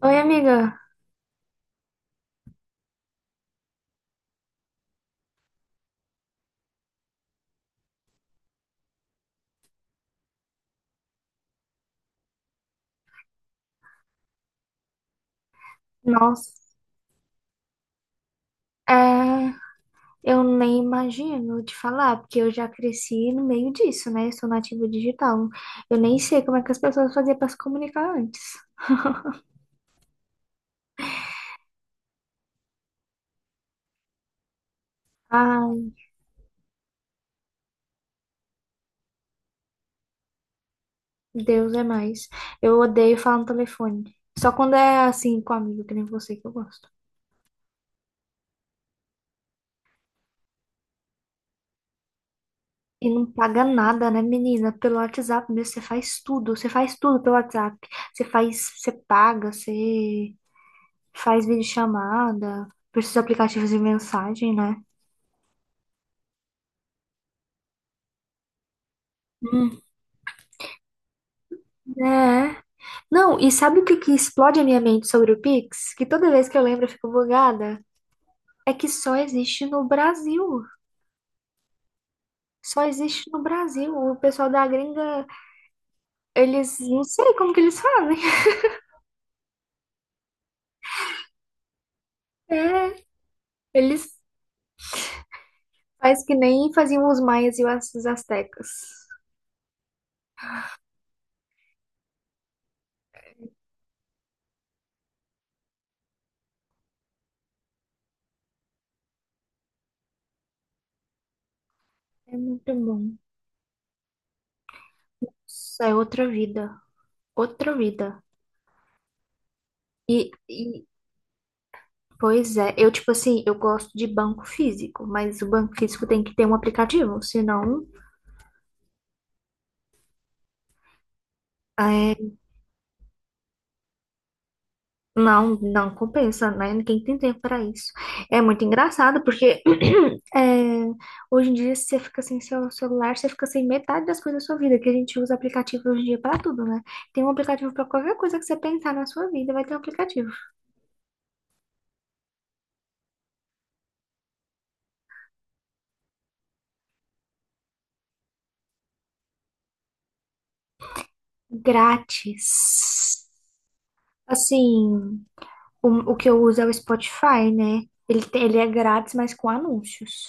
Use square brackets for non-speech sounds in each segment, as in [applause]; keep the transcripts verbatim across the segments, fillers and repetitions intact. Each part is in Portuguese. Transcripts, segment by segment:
Oi, amiga. Nossa, é, eu nem imagino te falar, porque eu já cresci no meio disso, né? Eu sou nativa digital. Eu nem sei como é que as pessoas faziam para se comunicar antes. Ai, Deus é mais. Eu odeio falar no telefone. Só quando é assim com amigo, que nem você, que eu gosto. E não paga nada, né, menina? Pelo WhatsApp mesmo, você faz tudo. Você faz tudo pelo WhatsApp. Você faz, você paga, você faz videochamada, por esses aplicativos de mensagem, né? É. Não, e sabe o que que explode a minha mente sobre o Pix? Que toda vez que eu lembro eu fico bugada. É que só existe no Brasil. Só existe no Brasil. O pessoal da gringa, eles não sei como que eles fazem. [laughs] É, eles faz que nem faziam os maias e os astecas. É muito bom. Isso é outra vida. Outra vida. E, e, pois é, eu tipo assim, eu gosto de banco físico, mas o banco físico tem que ter um aplicativo, senão é, não, não compensa, né? Ninguém tem tempo para isso. É muito engraçado porque [clears throat] é, hoje em dia, se você fica sem seu celular, você fica sem metade das coisas da sua vida, que a gente usa aplicativo hoje em dia para tudo, né? Tem um aplicativo para qualquer coisa que você pensar na sua vida, vai ter um aplicativo grátis. Assim, o, o que eu uso é o Spotify, né? Ele, tem- ele é grátis, mas com anúncios.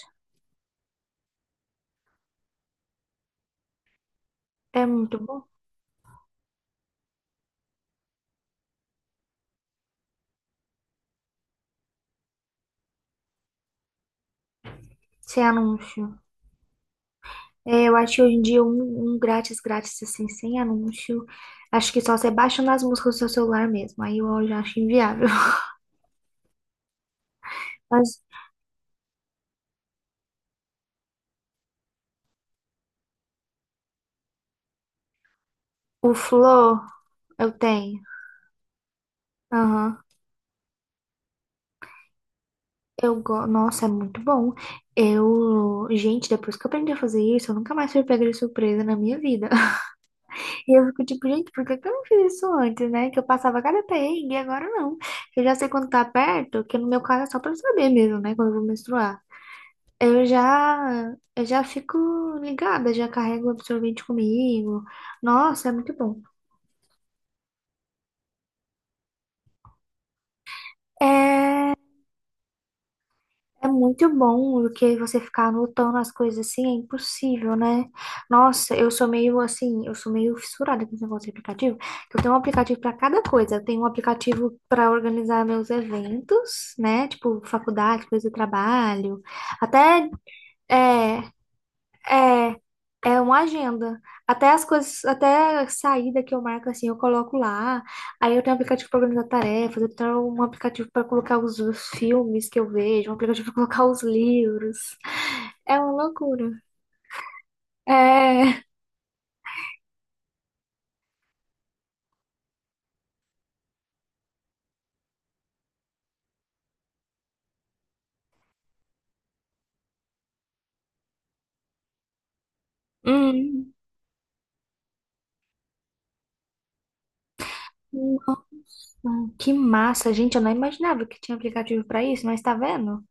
É muito bom sem anúncio. É, eu acho que hoje em dia um, um grátis, grátis assim, sem anúncio. Acho que só você baixando as músicas do seu celular mesmo. Aí eu já acho inviável. [laughs] Mas o Flow eu tenho. Aham. Eu go... Nossa, é muito bom. Eu. Gente, depois que eu aprendi a fazer isso, eu nunca mais fui pega de surpresa na minha vida. [laughs] E eu fico tipo, gente, por que que eu não fiz isso antes, né? Que eu passava cada perrengue e agora não. Eu já sei quando tá perto, que no meu caso é só pra eu saber mesmo, né? Quando eu vou menstruar. Eu já, eu já fico ligada, já carrego o absorvente comigo. Nossa, é muito bom. É, é muito bom do que você ficar anotando as coisas assim, é impossível, né? Nossa, eu sou meio assim, eu sou meio fissurada com esse negócio de aplicativo. Eu tenho um aplicativo para cada coisa. Eu tenho um aplicativo para organizar meus eventos, né? Tipo, faculdade, coisa de trabalho, até. É, é, é uma agenda. Até as coisas, até a saída que eu marco assim, eu coloco lá. Aí eu tenho um aplicativo para organizar tarefas, eu tenho um aplicativo para colocar os, os filmes que eu vejo, um aplicativo [laughs] para colocar os livros. É uma loucura. É. Hum. Nossa, que massa, gente. Eu não imaginava que tinha aplicativo para isso, mas tá vendo?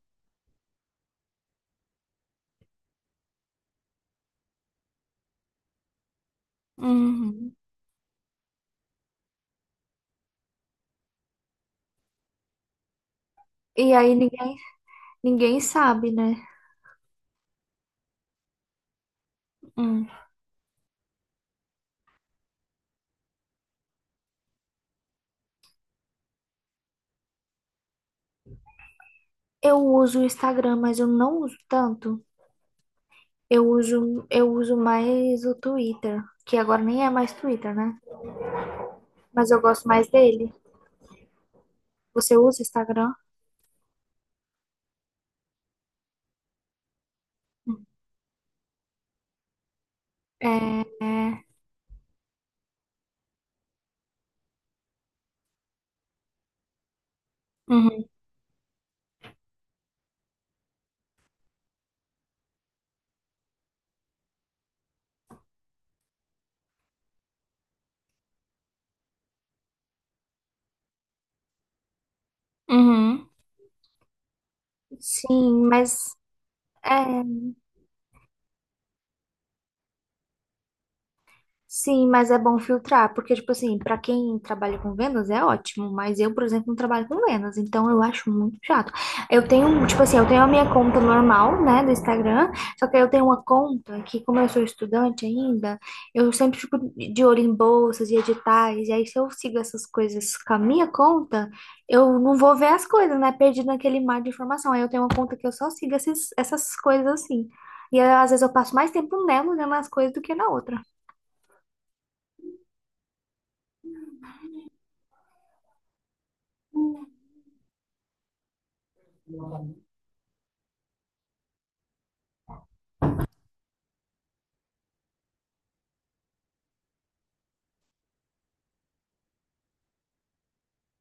Uhum. E aí ninguém, ninguém sabe, né? Hum. Eu uso o Instagram, mas eu não uso tanto. Eu uso, eu uso mais o Twitter, que agora nem é mais Twitter, né? Mas eu gosto mais dele. Você usa Instagram? É, é. Uhum. Uhum. Sim, mas é. Sim, mas é bom filtrar, porque, tipo assim, pra quem trabalha com vendas é ótimo, mas eu, por exemplo, não trabalho com vendas, então eu acho muito chato. Eu tenho, tipo assim, eu tenho a minha conta normal, né, do Instagram, só que aí eu tenho uma conta que, como eu sou estudante ainda, eu sempre fico de olho em bolsas e editais, e aí se eu sigo essas coisas com a minha conta, eu não vou ver as coisas, né, perdido naquele mar de informação. Aí eu tenho uma conta que eu só sigo esses, essas coisas assim. E aí, às vezes eu passo mais tempo nela olhando as coisas do que na outra.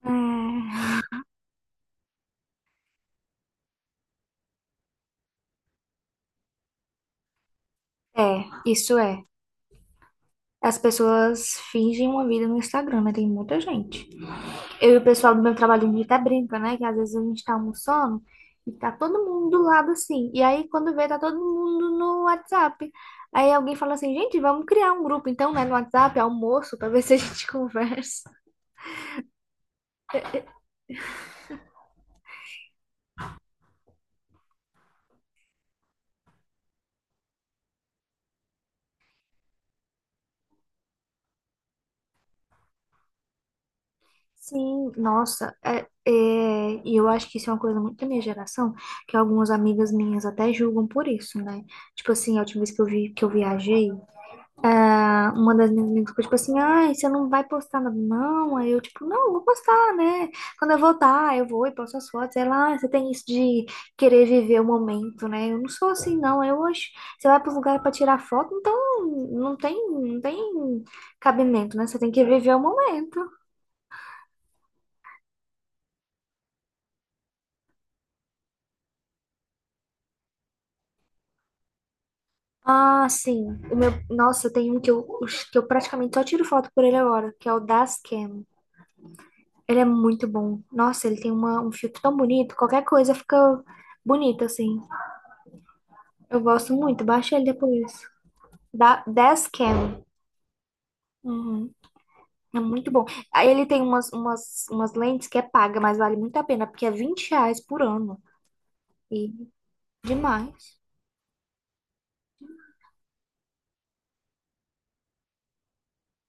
Hum. É, isso é. As pessoas fingem uma vida no Instagram, né? Tem muita gente. Eu e o pessoal do meu trabalho, a gente até brinca, né? Que às vezes a gente tá almoçando e tá todo mundo do lado assim. E aí, quando vê, tá todo mundo no WhatsApp. Aí alguém fala assim, gente, vamos criar um grupo, então, né? No WhatsApp, almoço, pra ver se a gente [laughs] conversa. Sim, nossa, é, é, e eu acho que isso é uma coisa muito da minha geração, que algumas amigas minhas até julgam por isso, né? Tipo assim, a última vez que eu vi que eu viajei, uma das minhas amigas ficou tipo assim, ai, você não vai postar nada não? Aí eu, tipo, não, vou postar, né? Quando eu voltar, eu vou e posto as fotos. Ela, ah, você tem isso de querer viver o momento, né? Eu não sou assim, não. Eu hoje, você vai para os lugares para tirar foto, então não tem, não tem cabimento, né? Você tem que viver o momento. Ah, sim. O meu, nossa, tem um que eu, que eu praticamente só tiro foto por ele agora, que é o das Cam. Ele é muito bom. Nossa, ele tem uma, um filtro tão bonito, qualquer coisa fica bonita, assim. Eu gosto muito, baixa ele depois. Da dez Cam. Uhum. É muito bom. Aí ele tem umas, umas, umas lentes que é paga, mas vale muito a pena, porque é vinte reais por ano. E demais.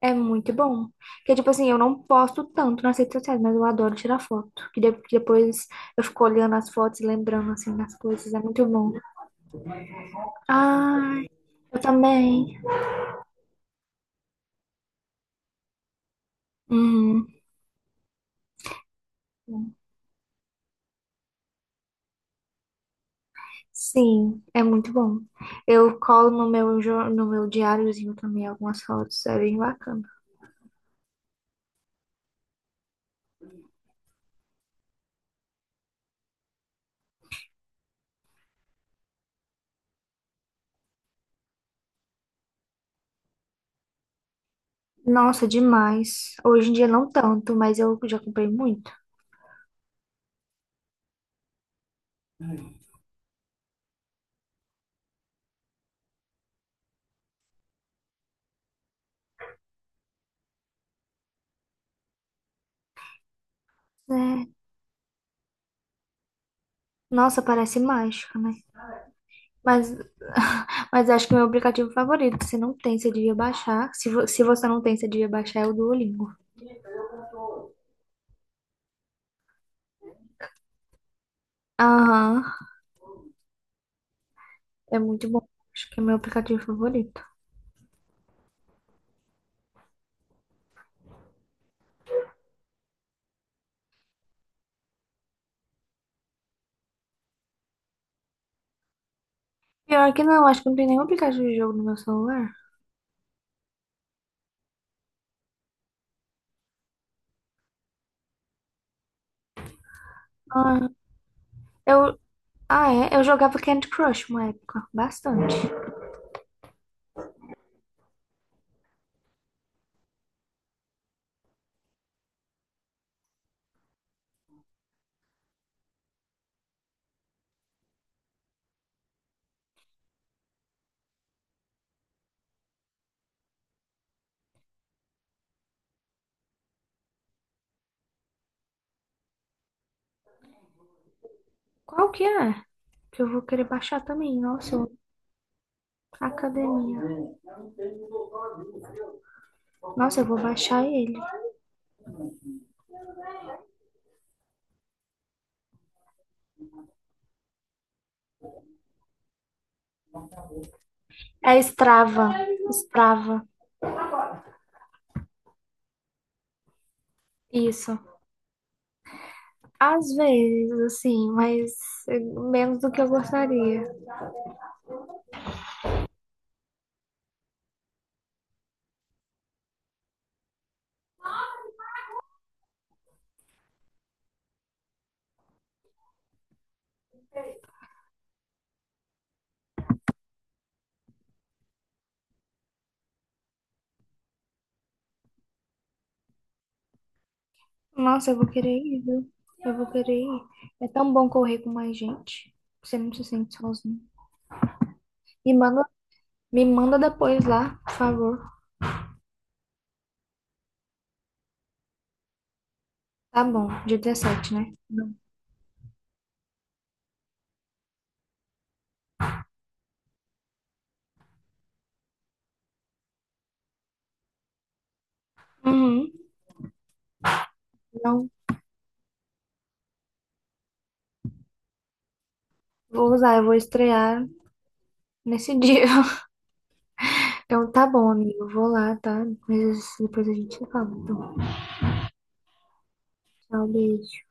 É muito bom. Porque, tipo assim, eu não posto tanto nas redes sociais, mas eu adoro tirar foto. Que de- que depois eu fico olhando as fotos e lembrando, assim, das coisas. É muito bom. Ai, eu também. Uhum. Sim, é muito bom. Eu colo no meu, jo- no meu diáriozinho também algumas fotos, é bem bacana. Nossa, demais. Hoje em dia não tanto, mas eu já comprei muito. Né? Nossa, parece mágica, né? Mas, [laughs] mas acho que o meu aplicativo favorito, se não tem, você devia baixar. Se, vo- se você não tem, você devia baixar é o Duolingo. Aham, é muito bom. Acho que é meu aplicativo favorito. Pior que não, acho que não tem nenhum aplicativo de jogo no meu celular. Ah, eu, Ah, é? Eu jogava Candy Crush uma época, bastante. Qual que é? Que eu vou querer baixar também. Nossa, eu- academia. Nossa, eu vou baixar ele. É Strava. Strava. Isso. Às vezes, assim, mas eh, menos do que eu gostaria. Nossa, eu vou querer ir, viu? Eu vou querer ir. É tão bom correr com mais gente. Você não se sente sozinho. Me manda, me manda depois lá, por favor. Tá bom, dia dezessete, né? Não. Uhum. Não. Vou usar, eu vou estrear nesse dia. [laughs] Então tá bom, amigo. Eu vou lá, tá? Mas depois a gente se fala. Então, tchau, beijo.